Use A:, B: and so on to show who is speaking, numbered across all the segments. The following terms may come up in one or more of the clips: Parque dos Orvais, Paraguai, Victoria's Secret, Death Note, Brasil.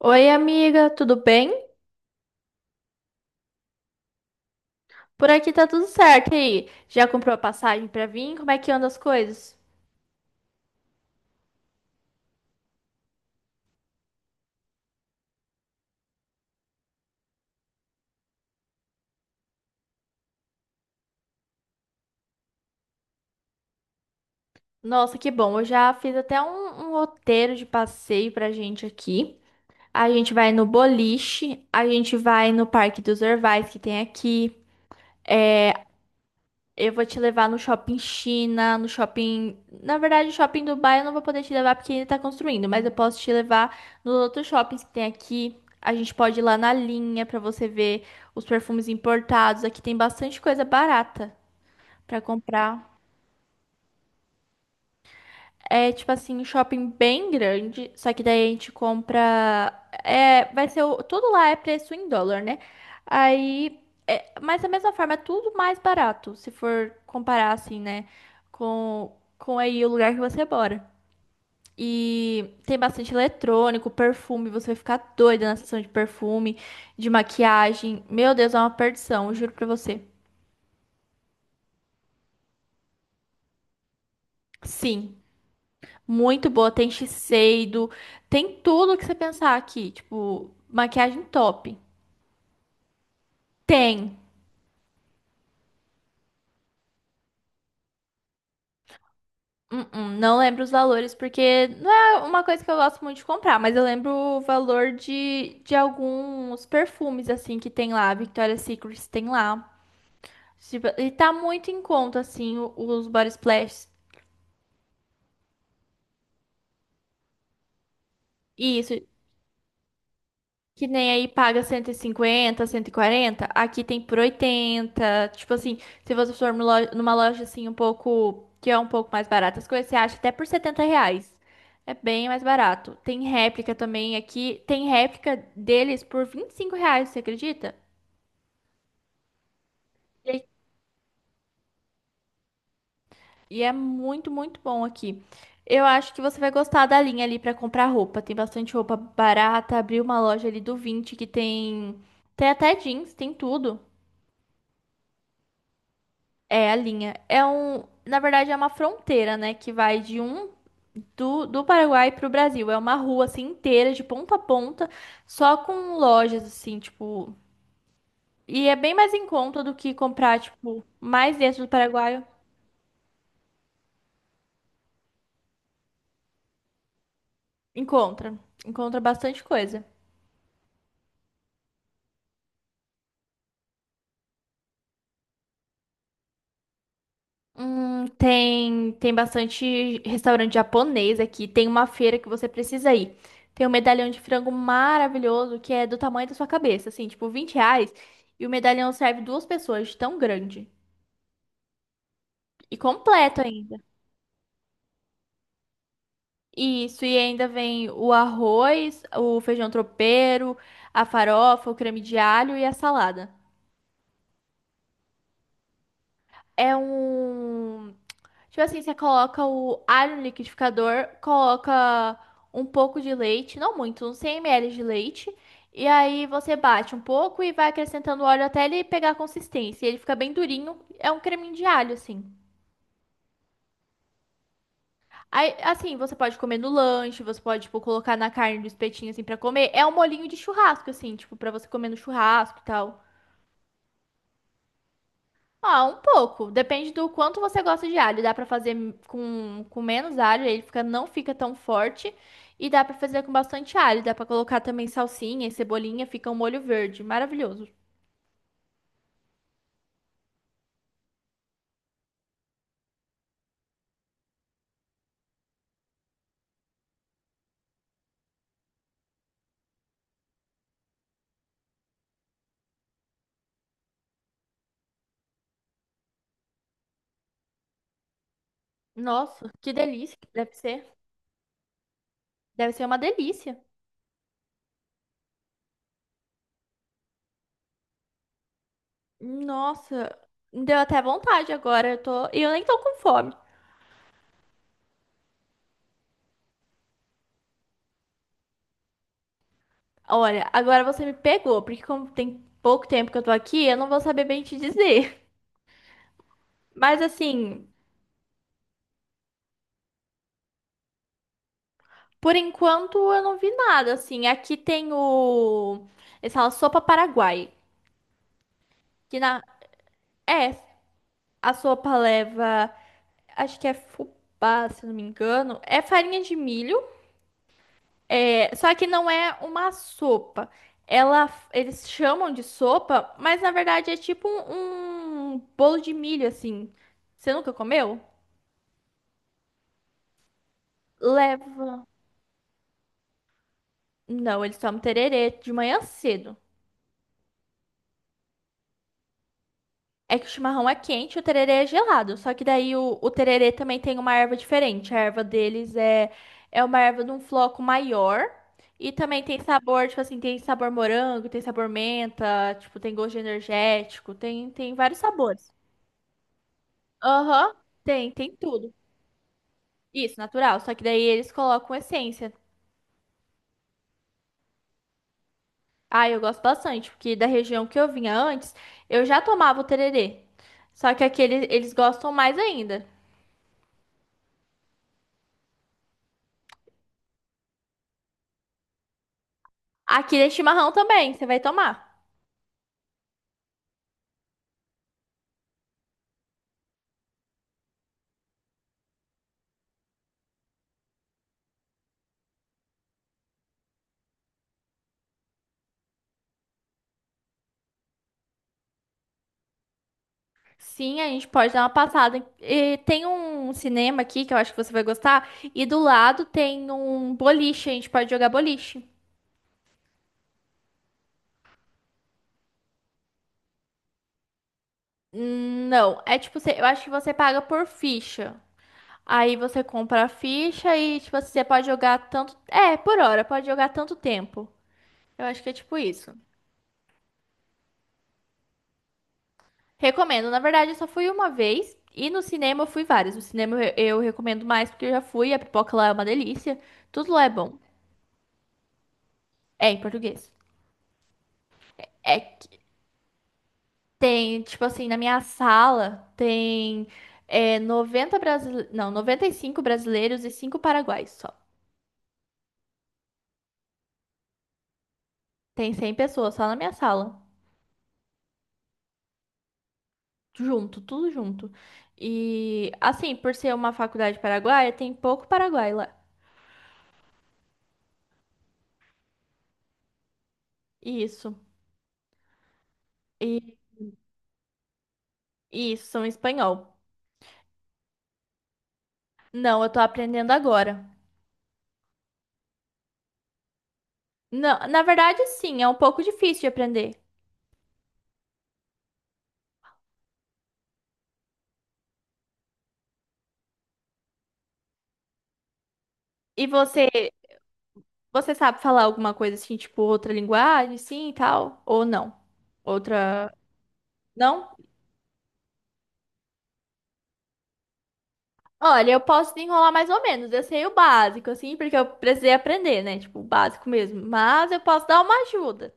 A: Oi, amiga, tudo bem? Por aqui tá tudo certo. E aí, já comprou a passagem pra vir? Como é que andam as coisas? Nossa, que bom. Eu já fiz até um roteiro de passeio pra gente aqui. A gente vai no boliche, a gente vai no Parque dos Orvais que tem aqui. É. Eu vou te levar no shopping China, no shopping. Na verdade, o shopping Dubai eu não vou poder te levar porque ainda tá construindo, mas eu posso te levar nos outros shoppings que tem aqui. A gente pode ir lá na linha pra você ver os perfumes importados. Aqui tem bastante coisa barata pra comprar. É tipo assim, um shopping bem grande, só que daí a gente compra. É, vai ser tudo lá é preço em dólar, né? Aí, é, mas da mesma forma, é tudo mais barato, se for comparar assim, né? Com aí o lugar que você mora. E tem bastante eletrônico, perfume, você vai ficar doida na sessão de perfume, de maquiagem. Meu Deus, é uma perdição, eu juro pra você. Sim. Muito boa, tem Shiseido, tem tudo que você pensar aqui, tipo, maquiagem top. Tem. Não lembro os valores porque não é uma coisa que eu gosto muito de comprar, mas eu lembro o valor de alguns perfumes assim que tem lá, Victoria's Secret tem lá. Tipo, e tá muito em conta assim os body splash. Isso. Que nem aí paga cento e cinquenta, cento e quarenta. Aqui tem por oitenta. Tipo assim, se você for numa loja, assim um pouco, que é um pouco mais barata as coisas, você acha até por 70 reais. É bem mais barato. Tem réplica também aqui, tem réplica deles por 25 reais, você acredita? E é e é muito, muito bom aqui. Eu acho que você vai gostar da linha ali pra comprar roupa. Tem bastante roupa barata. Abri uma loja ali do 20 que tem, tem até jeans, tem tudo. É, a linha. É um, na verdade, é uma fronteira, né? Que vai de do Paraguai pro Brasil. É uma rua assim inteira, de ponta a ponta, só com lojas, assim, tipo. E é bem mais em conta do que comprar, tipo, mais dentro do Paraguai. Encontra. Encontra bastante coisa. Tem bastante restaurante japonês aqui. Tem uma feira que você precisa ir. Tem um medalhão de frango maravilhoso que é do tamanho da sua cabeça, assim, tipo 20 reais. E o medalhão serve duas pessoas, de tão grande. E completo ainda. Isso, e ainda vem o arroz, o feijão tropeiro, a farofa, o creme de alho e a salada. É um. Tipo assim, você coloca o alho no liquidificador, coloca um pouco de leite, não muito, uns 100 ml de leite. E aí você bate um pouco e vai acrescentando óleo até ele pegar a consistência. E ele fica bem durinho, é um creminho de alho, assim. Aí, assim, você pode comer no lanche, você pode, tipo, colocar na carne do espetinho, assim, pra comer. É um molinho de churrasco, assim, tipo, pra você comer no churrasco e tal. Ah, um pouco. Depende do quanto você gosta de alho. Dá pra fazer com menos alho, ele fica, não fica tão forte. E dá pra fazer com bastante alho. Dá pra colocar também salsinha e cebolinha, fica um molho verde. Maravilhoso. Nossa, que delícia que deve ser. Deve ser uma delícia. Nossa, me deu até vontade agora. Eu tô... E eu nem tô com fome. Olha, agora você me pegou, porque como tem pouco tempo que eu tô aqui, eu não vou saber bem te dizer. Mas assim. Por enquanto, eu não vi nada, assim. Aqui tem o... Eles falam sopa paraguai. Que na... É, a sopa leva... Acho que é fubá, se não me engano. É farinha de milho. É... Só que não é uma sopa. Ela... Eles chamam de sopa, mas na verdade é tipo um, um bolo de milho, assim. Você nunca comeu? Leva... Não, eles tomam tererê de manhã cedo. É que o chimarrão é quente e o tererê é gelado. Só que daí o tererê também tem uma erva diferente. A erva deles é, é uma erva de um floco maior. E também tem sabor, tipo assim, tem sabor morango, tem sabor menta, tipo, tem gosto de energético, tem, tem vários sabores. Aham, tem, tem tudo. Isso, natural. Só que daí eles colocam essência. Ah, eu gosto bastante, porque da região que eu vinha antes, eu já tomava o tererê. Só que aqui eles gostam mais ainda. Aqui é chimarrão também, você vai tomar. Sim, a gente pode dar uma passada. E tem um cinema aqui que eu acho que você vai gostar. E do lado tem um boliche, a gente pode jogar boliche. Não, é tipo, eu acho que você paga por ficha. Aí você compra a ficha e, tipo, assim, você pode jogar tanto. É, por hora, pode jogar tanto tempo. Eu acho que é tipo isso. Recomendo. Na verdade, eu só fui uma vez. E no cinema eu fui várias. No cinema eu recomendo mais porque eu já fui. A pipoca lá é uma delícia. Tudo lá é bom. É, em português. É. Tem, tipo assim, na minha sala tem 90 brasileiros. Não, 95 brasileiros e 5 paraguaios só. Tem 100 pessoas só na minha sala. Junto, tudo junto. E assim, por ser uma faculdade paraguaia, tem pouco paraguai lá. Isso. E e isso, são espanhol. Não, eu tô aprendendo agora. Não, na verdade, sim, é um pouco difícil de aprender. E você sabe falar alguma coisa assim, tipo outra linguagem, sim e tal? Ou não? Outra. Não? Olha, eu posso desenrolar mais ou menos. Eu sei o básico, assim, porque eu precisei aprender, né? Tipo, o básico mesmo. Mas eu posso dar uma ajuda.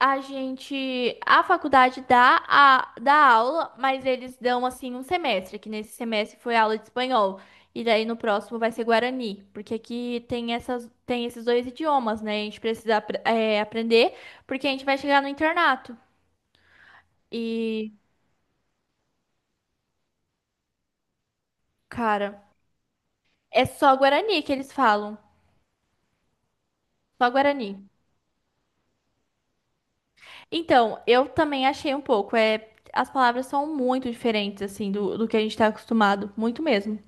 A: A gente, a faculdade dá, dá aula, mas eles dão, assim, um semestre, que nesse semestre foi aula de espanhol. E daí no próximo vai ser Guarani, porque aqui tem tem esses dois idiomas, né? A gente precisa, aprender, porque a gente vai chegar no internato. E, cara, é só Guarani que eles falam. Só Guarani. Então, eu também achei um pouco. É, as palavras são muito diferentes, assim, do que a gente tá acostumado. Muito mesmo.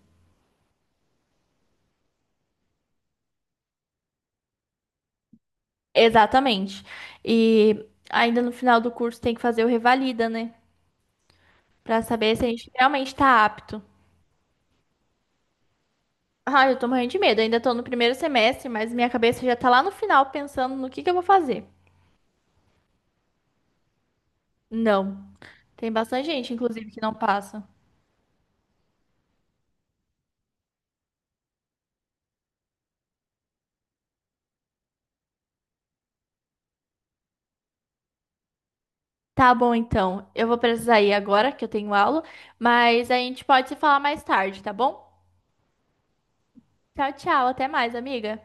A: Exatamente. E ainda no final do curso tem que fazer o revalida, né? Pra saber se a gente realmente tá apto. Ah, eu tô morrendo de medo. Ainda tô no primeiro semestre, mas minha cabeça já tá lá no final pensando no que eu vou fazer. Não. Tem bastante gente, inclusive, que não passa. Tá bom, então. Eu vou precisar ir agora, que eu tenho aula, mas a gente pode se falar mais tarde, tá bom? Tchau, tchau. Até mais, amiga.